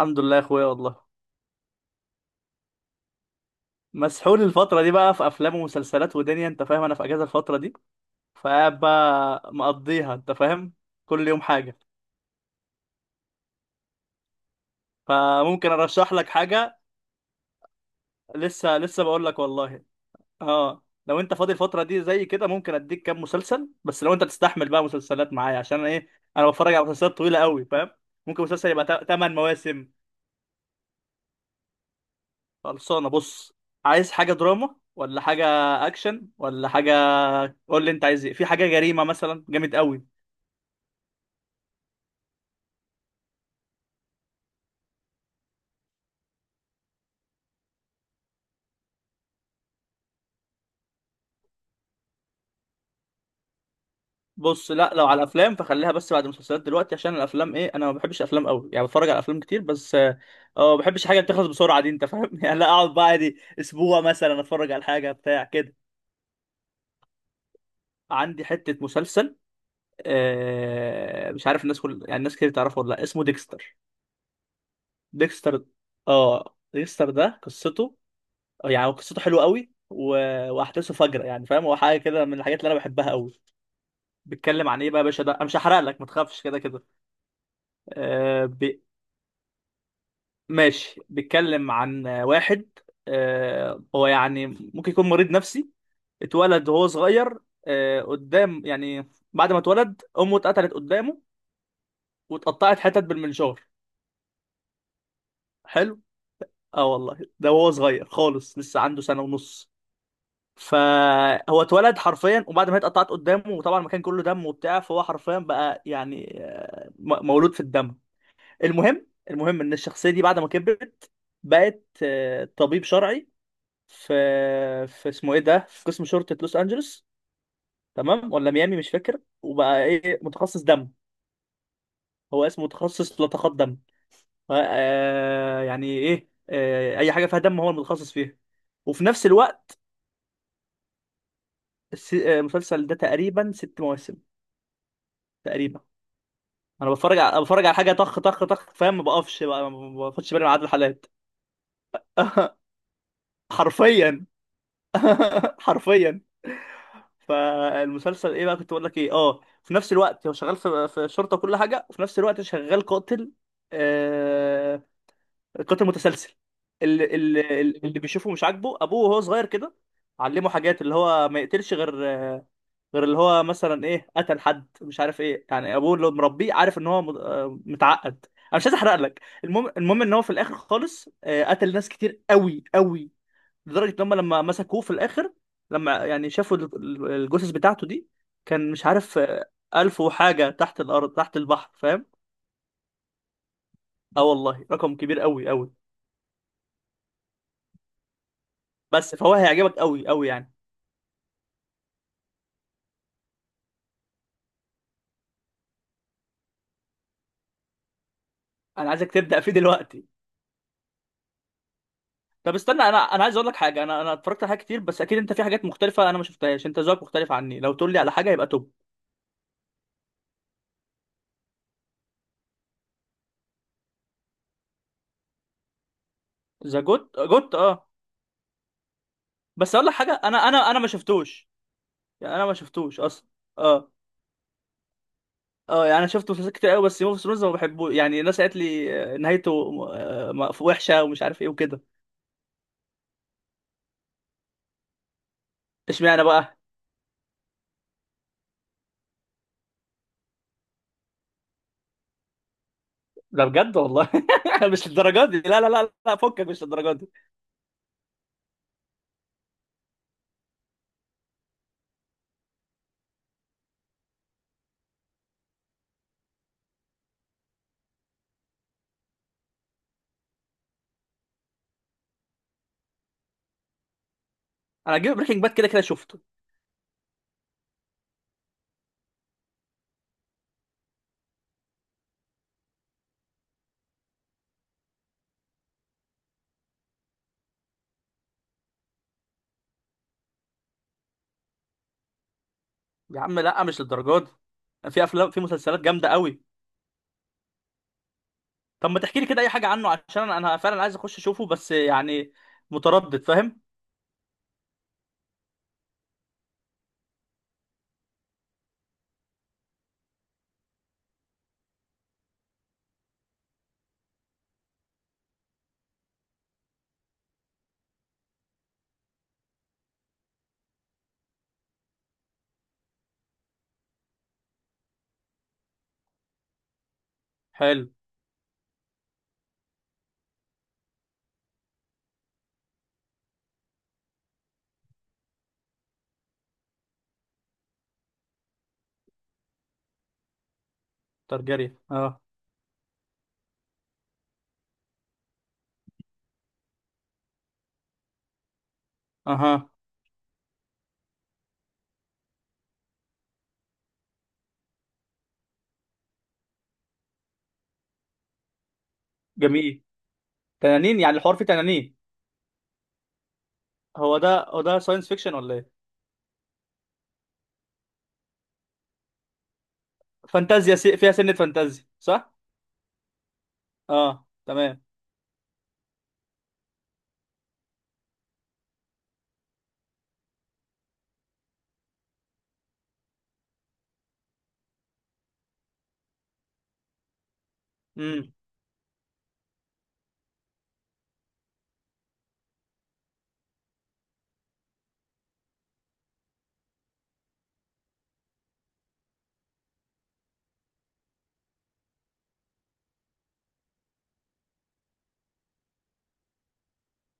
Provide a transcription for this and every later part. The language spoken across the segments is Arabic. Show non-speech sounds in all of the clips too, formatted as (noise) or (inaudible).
الحمد لله يا اخويا والله. مسحول الفترة دي بقى في افلام ومسلسلات ودنيا، انت فاهم. انا في اجازة الفترة دي، فقاعد بقى مقضيها، انت فاهم. كل يوم حاجة. فممكن ارشح لك حاجة. لسه بقول لك والله. اه، لو انت فاضي الفترة دي زي كده، ممكن اديك كام مسلسل، بس لو انت تستحمل بقى مسلسلات معايا، عشان أنا ايه، انا بتفرج على مسلسلات طويلة قوي، فاهم. ممكن مسلسل يبقى 8 مواسم. خلصانة، بص. عايز حاجة دراما ولا حاجة؟ اكشن ولا حاجة؟ قول لي انت عايز ايه. في حاجة جريمة مثلا جامد قوي. بص، لا، لو على الافلام فخليها بس بعد المسلسلات دلوقتي، عشان الافلام ايه، انا ما بحبش افلام قوي يعني، بتفرج على افلام كتير بس. اه، ما بحبش حاجه بتخلص بسرعه دي، انت فاهم (laughs) يعني. لا، اقعد بقى دي اسبوع مثلا اتفرج على حاجه بتاع كده. عندي حته مسلسل. آه، مش عارف الناس، يعني الناس كتير تعرفه ولا لا، اسمه ديكستر. ديكستر. اه، ديكستر ده قصته، يعني هو قصته حلوه قوي، و... واحداثه فجره يعني، فاهم. هو حاجه كده من الحاجات اللي انا بحبها قوي. بيتكلم عن ايه بقى يا باشا؟ ده انا مش هحرق لك، ما تخافش كده. كده ماشي. بيتكلم عن واحد هو يعني ممكن يكون مريض نفسي. اتولد وهو صغير، قدام يعني، بعد ما اتولد امه اتقتلت قدامه واتقطعت حتت بالمنشار. حلو. اه والله، ده وهو صغير خالص، لسه عنده سنة ونص. فهو اتولد حرفيا، وبعد ما هي اتقطعت قدامه وطبعا المكان كله دم وبتاع، فهو حرفيا بقى يعني مولود في الدم. المهم، المهم ان الشخصية دي بعد ما كبرت بقت طبيب شرعي في، اسمه ايه ده، في قسم شرطة لوس انجلوس، تمام، ولا ميامي مش فاكر، وبقى ايه متخصص دم. هو اسمه متخصص لطخات دم. آه يعني ايه، آه، اي حاجة فيها دم هو المتخصص فيها. وفي نفس الوقت المسلسل ده تقريبا 6 مواسم تقريبا. انا بتفرج على حاجة طخ طخ طخ فاهم، ما بقفش بقى، ما باخدش بالي من عدد الحلقات. (laughs) حرفيا. (laughs) حرفيا. فالمسلسل ايه بقى، كنت بقول لك ايه، اه، في نفس الوقت هو شغال في الشرطه وكل حاجه، وفي نفس الوقت شغال قاتل، آه، قاتل متسلسل. اللي بيشوفه مش عاجبه. ابوه وهو صغير كده علمه حاجات، اللي هو ما يقتلش غير اللي هو مثلا ايه قتل حد، مش عارف ايه يعني. ابوه اللي مربيه عارف ان هو متعقد. انا مش عايز احرق لك. المهم، المهم ان هو في الاخر خالص قتل ناس كتير قوي قوي، لدرجه ان هم لما مسكوه في الاخر، لما يعني شافوا الجثث بتاعته دي، كان مش عارف. ألف وحاجه تحت الارض تحت البحر، فاهم. اه والله، رقم كبير قوي قوي. بس فهو هيعجبك قوي قوي يعني. انا عايزك تبدا فيه دلوقتي. طب استنى، انا عايز اقول لك حاجه. انا اتفرجت على حاجات كتير، بس اكيد انت في حاجات مختلفه انا ما شفتهاش، انت ذوقك مختلف عني. لو تقول لي على حاجه يبقى توب. ذا جوت جوت، اه. بس اقول لك حاجه، انا ما شفتوش. يعني انا ما شفتوش اصلا. اه. اه، يعني انا شفت مسلسلات كتير قوي، بس جيم اوف ثرونز ما بحبوش يعني. الناس قالت لي نهايته وحشه ومش عارف ايه وكده. اشمعنى بقى؟ ده بجد والله. (laughs) مش للدرجه دي، لا لا لا لا، فكك، مش للدرجه دي. انا جيم بريكنج باد كده كده شفته. يا عم لا، مش للدرجه دي. في افلام، في مسلسلات جامده قوي. طب ما تحكي لي كده اي حاجه عنه، عشان انا فعلا عايز اخش اشوفه، بس يعني متردد فاهم. حلو. ترجري. اه. اها. جميل. تنانين؟ يعني الحوار فيه تنانين؟ هو ده، هو ده ساينس فيكشن ولا ايه؟ فانتازيا فيها سنة، فانتازيا صح؟ اه تمام. امم.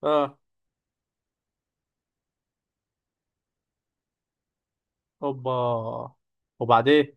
اه. اوبا. وبعدين.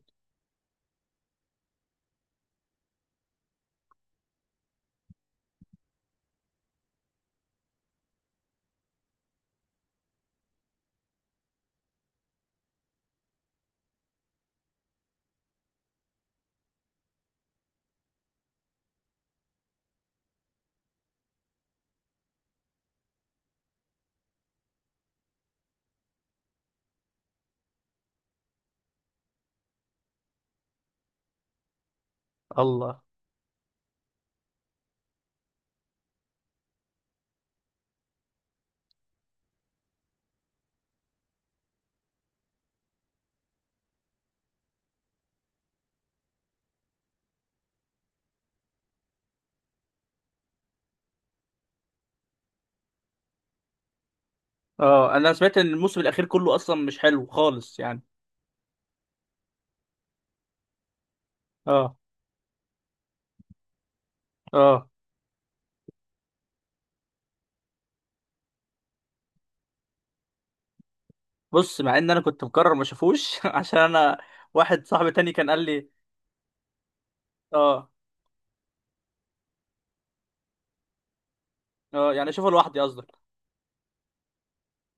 الله. اه، انا سمعت ان الموسم الاخير كله اصلا مش حلو خالص يعني. اه. اه. بص، مع ان انا كنت مقرر ما اشوفوش (laughs) عشان انا. واحد صاحبي تاني كان قال لي. اه. اه يعني اشوفه لوحدي قصدك؟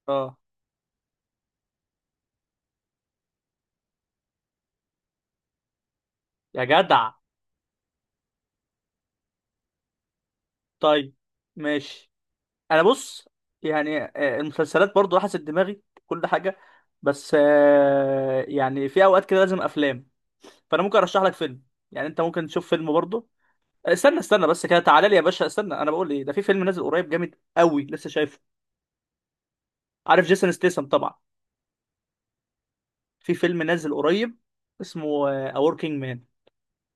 اه. يا جدع. طيب. ماشي. انا بص، يعني المسلسلات برضو حسب دماغي كل حاجة. بس يعني في اوقات كده لازم افلام. فانا ممكن ارشح لك فيلم، يعني انت ممكن تشوف فيلم برضه. استنى بس كده، تعالى لي يا باشا. استنى، انا بقول ايه ده، في فيلم نازل قريب جامد قوي، لسه شايفه. عارف جيسون ستيسم طبعا، في فيلم نازل قريب اسمه A Working Man.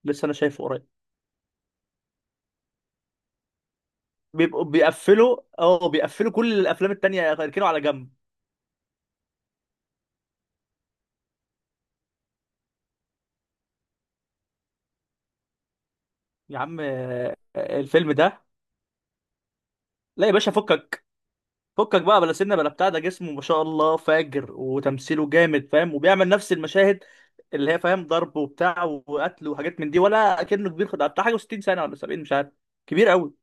لسه انا شايفه قريب. بيبقوا بيقفلوا كل الافلام التانية، يركنوا على جنب. يا عم، الفيلم ده، لا يا باشا فكك، فكك بقى، بلا سنه بلا بتاع، ده جسمه ما شاء الله فاجر، وتمثيله جامد فاهم، وبيعمل نفس المشاهد اللي هي فاهم ضرب وبتاع وقتل وحاجات من دي، ولا كأنه كبير. خد بتاع حاجه 60 سنه ولا 70، مش عارف، كبير قوي.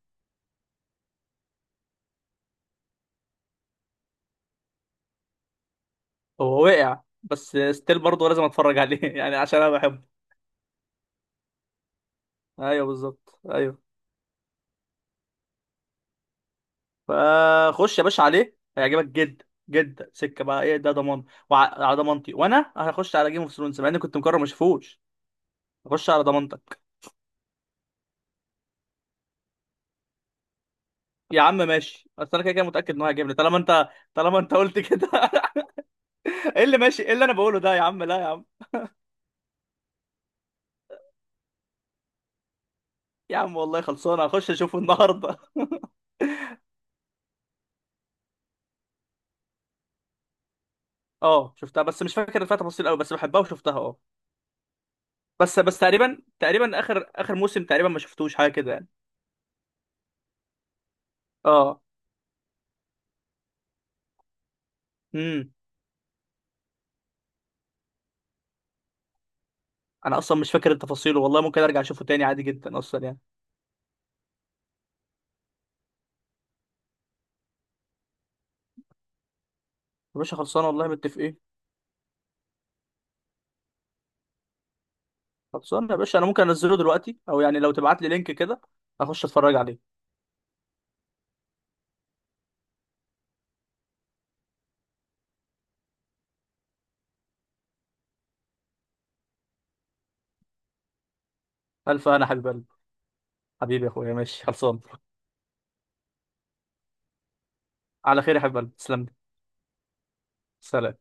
هو وقع، بس ستيل برضه لازم اتفرج عليه (laughs) يعني، عشان انا بحبه. ايوه بالظبط، ايوه. فخش يا باشا عليه، هيعجبك جدا جدا. سكه بقى ايه ده، ضمان. وعلى ضمانتي، وانا هخش على جيم اوف ثرونز مع اني كنت مقرر ما اشوفوش. هخش على ضمانتك. يا عم ماشي، بس انا كده كده متاكد ان هو هيجيبني، طالما انت قلت كده. (laughs) ايه اللي ماشي، ايه اللي انا بقوله ده، يا عم لا يا عم، يا عم والله خلصانه، هخش اشوفه النهارده. (laughs) اه شفتها، بس مش فاكر فيها تفاصيل قوي، بس بحبها وشفتها اه. بس تقريبا، تقريبا اخر موسم تقريبا ما شفتوش حاجه كده يعني. اه. امم. انا اصلا مش فاكر التفاصيل والله، ممكن ارجع اشوفه تاني عادي جدا اصلا يعني. يا باشا خلصانه والله، متفقين. خلصانه يا باشا، انا ممكن انزله دلوقتي، او يعني لو تبعت لي لينك كده اخش اتفرج عليه. الف، انا حبيب قلبي. حبيبي يا اخويا ماشي خلصان. على خير يا حبيب قلبي، تسلم لي. سلام.